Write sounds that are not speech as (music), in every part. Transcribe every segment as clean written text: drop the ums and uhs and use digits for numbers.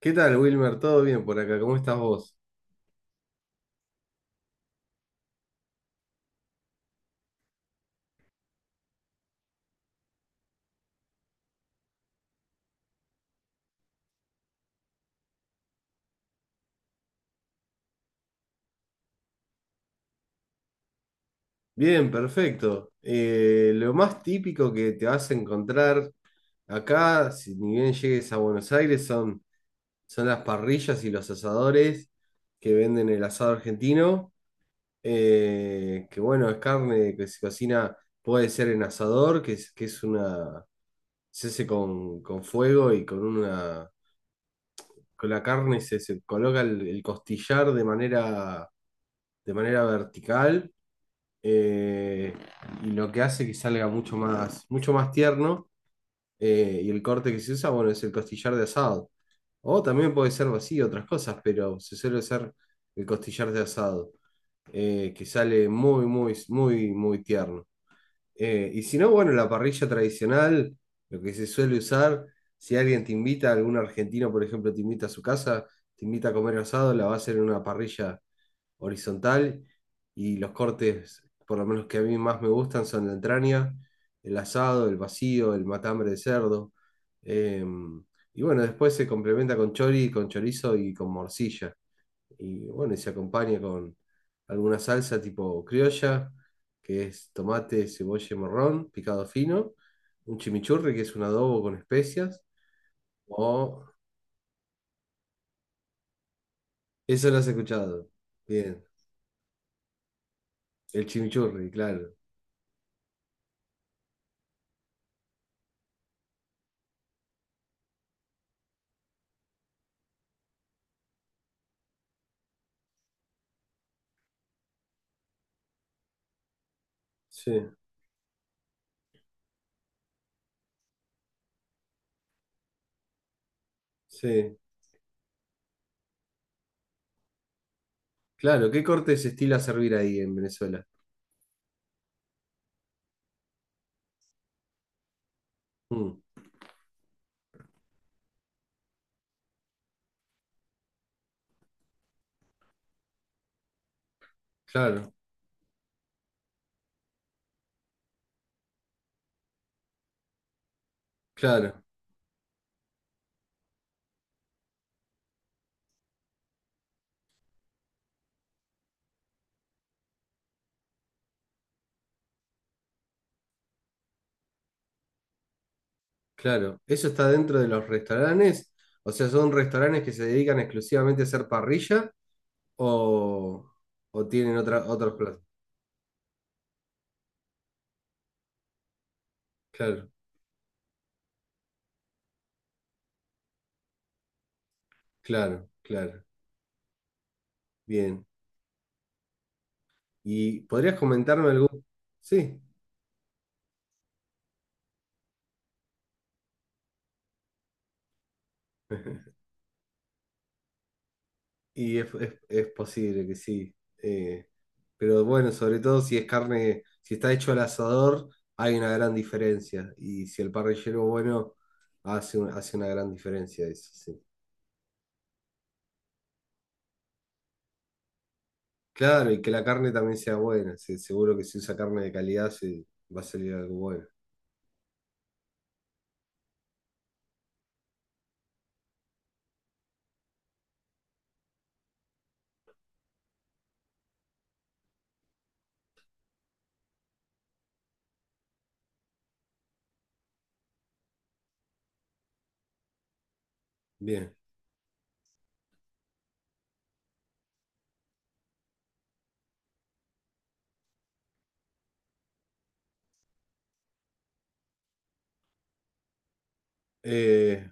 ¿Qué tal, Wilmer? ¿Todo bien por acá? ¿Cómo estás vos? Bien, perfecto. Lo más típico que te vas a encontrar acá, si ni bien llegues a Buenos Aires, son las parrillas y los asadores que venden el asado argentino. Que bueno, es carne que se cocina, puede ser en asador, que es una, se hace con fuego y con una, con la carne se coloca el costillar de manera vertical. eh, y lo que hace que salga mucho más tierno. Y el corte que se usa, bueno, es el costillar de asado. O también puede ser vacío, otras cosas, pero se suele usar el costillar de asado, que sale muy tierno. Y si no, bueno, la parrilla tradicional, lo que se suele usar, si alguien te invita, algún argentino, por ejemplo, te invita a su casa, te invita a comer asado, la va a hacer en una parrilla horizontal, y los cortes, por lo menos que a mí más me gustan, son la entraña, el asado, el vacío, el matambre de cerdo. eh, y bueno, después se complementa con chorizo y con morcilla. Y bueno, y se acompaña con alguna salsa tipo criolla, que es tomate, cebolla y morrón, picado fino, un chimichurri, que es un adobo con especias. Oh. Eso lo has escuchado. Bien. El chimichurri, claro. Sí, sí. Claro, ¿qué corte se estila a servir ahí en Venezuela? Mm, claro, claro, claro. ¿Eso está dentro de los restaurantes? O sea, ¿son restaurantes que se dedican exclusivamente a hacer parrilla o, o tienen otros platos? Claro, claro, claro. Bien. ¿Y podrías comentarme algún? Sí. (laughs) Y es posible que sí. eh, pero bueno, sobre todo si es carne, si está hecho al asador, hay una gran diferencia. Y si el parrillero bueno hace, hace una gran diferencia eso, sí. Claro, y que la carne también sea buena. Sí, seguro que si usa carne de calidad se va a salir algo bueno. Bien. Eh,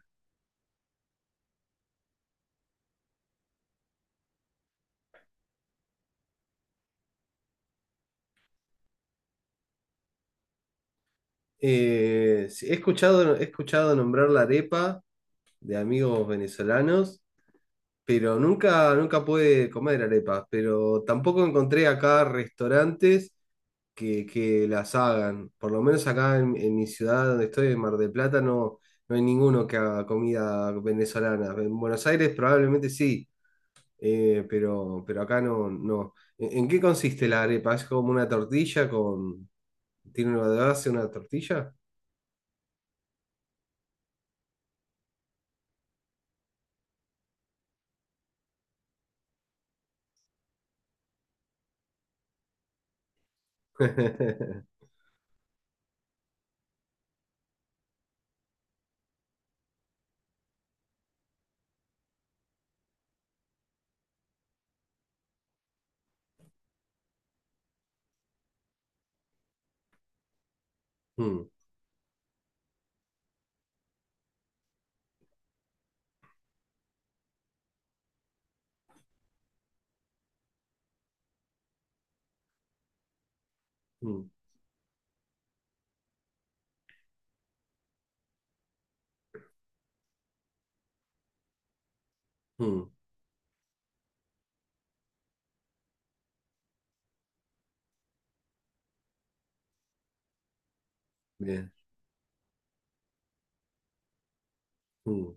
sí, he escuchado nombrar la arepa de amigos venezolanos. Pero nunca pude comer arepas, pero tampoco encontré acá restaurantes que las hagan. Por lo menos acá en mi ciudad donde estoy, en Mar del Plata, no, no hay ninguno que haga comida venezolana. En Buenos Aires probablemente sí, pero acá no, no. En qué consiste la arepa? ¿Es como una tortilla con... ¿Tiene una base una tortilla? (laughs) Mm, mm, mm, bien. mm,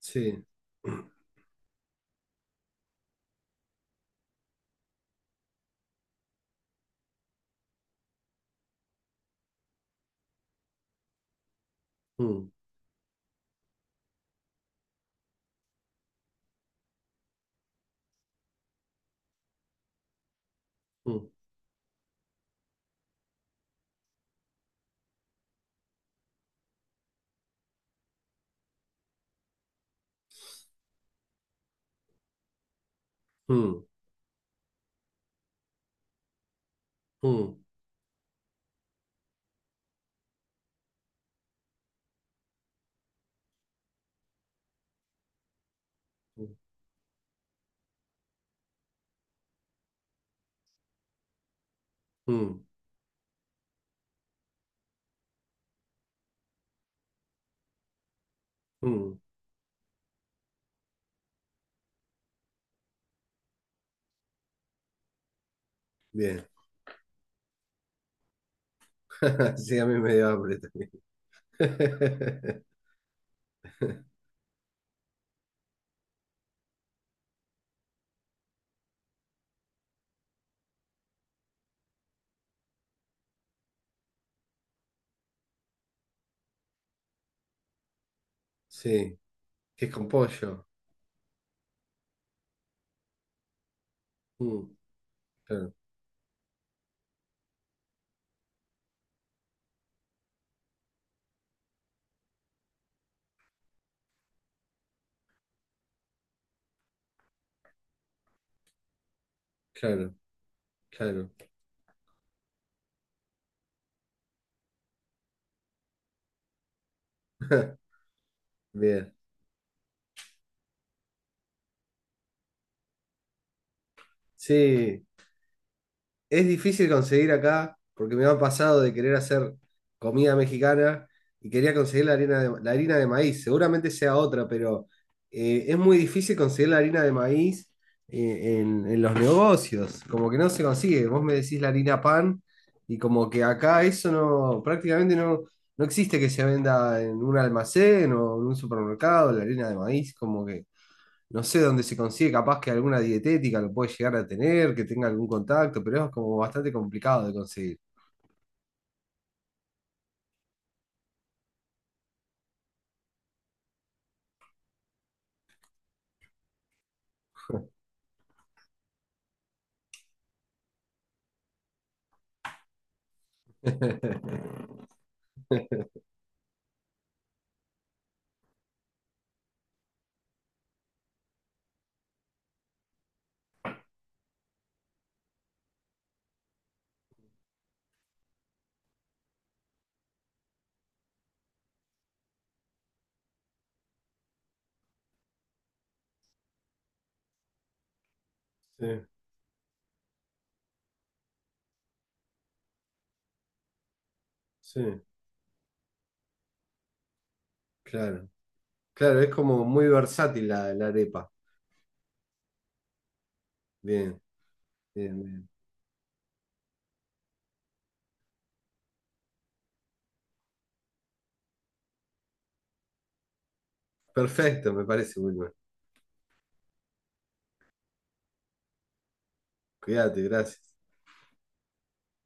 sí. (clears throat) Mm, mm, mm. Mm, mm, mm. Bien. (laughs) Sí, a mí me dio hambre también. (laughs) Sí, que es con pollo. Mm, claro, claro, claro. Bien. Sí. Es difícil conseguir acá, porque me ha pasado de querer hacer comida mexicana y quería conseguir la harina la harina de maíz. Seguramente sea otra, pero es muy difícil conseguir la harina de maíz en los negocios. Como que no se consigue. Vos me decís la harina pan y como que acá eso no, prácticamente no, no existe que se venda en un almacén o en un supermercado, la harina de maíz, como que no sé dónde se consigue, capaz que alguna dietética lo puede llegar a tener, que tenga algún contacto, pero es como bastante complicado de conseguir. (laughs) Sí, sí, claro. Claro, es como muy versátil la arepa. Bien, Bien. Perfecto, me parece, Wilmer. Cuídate, gracias.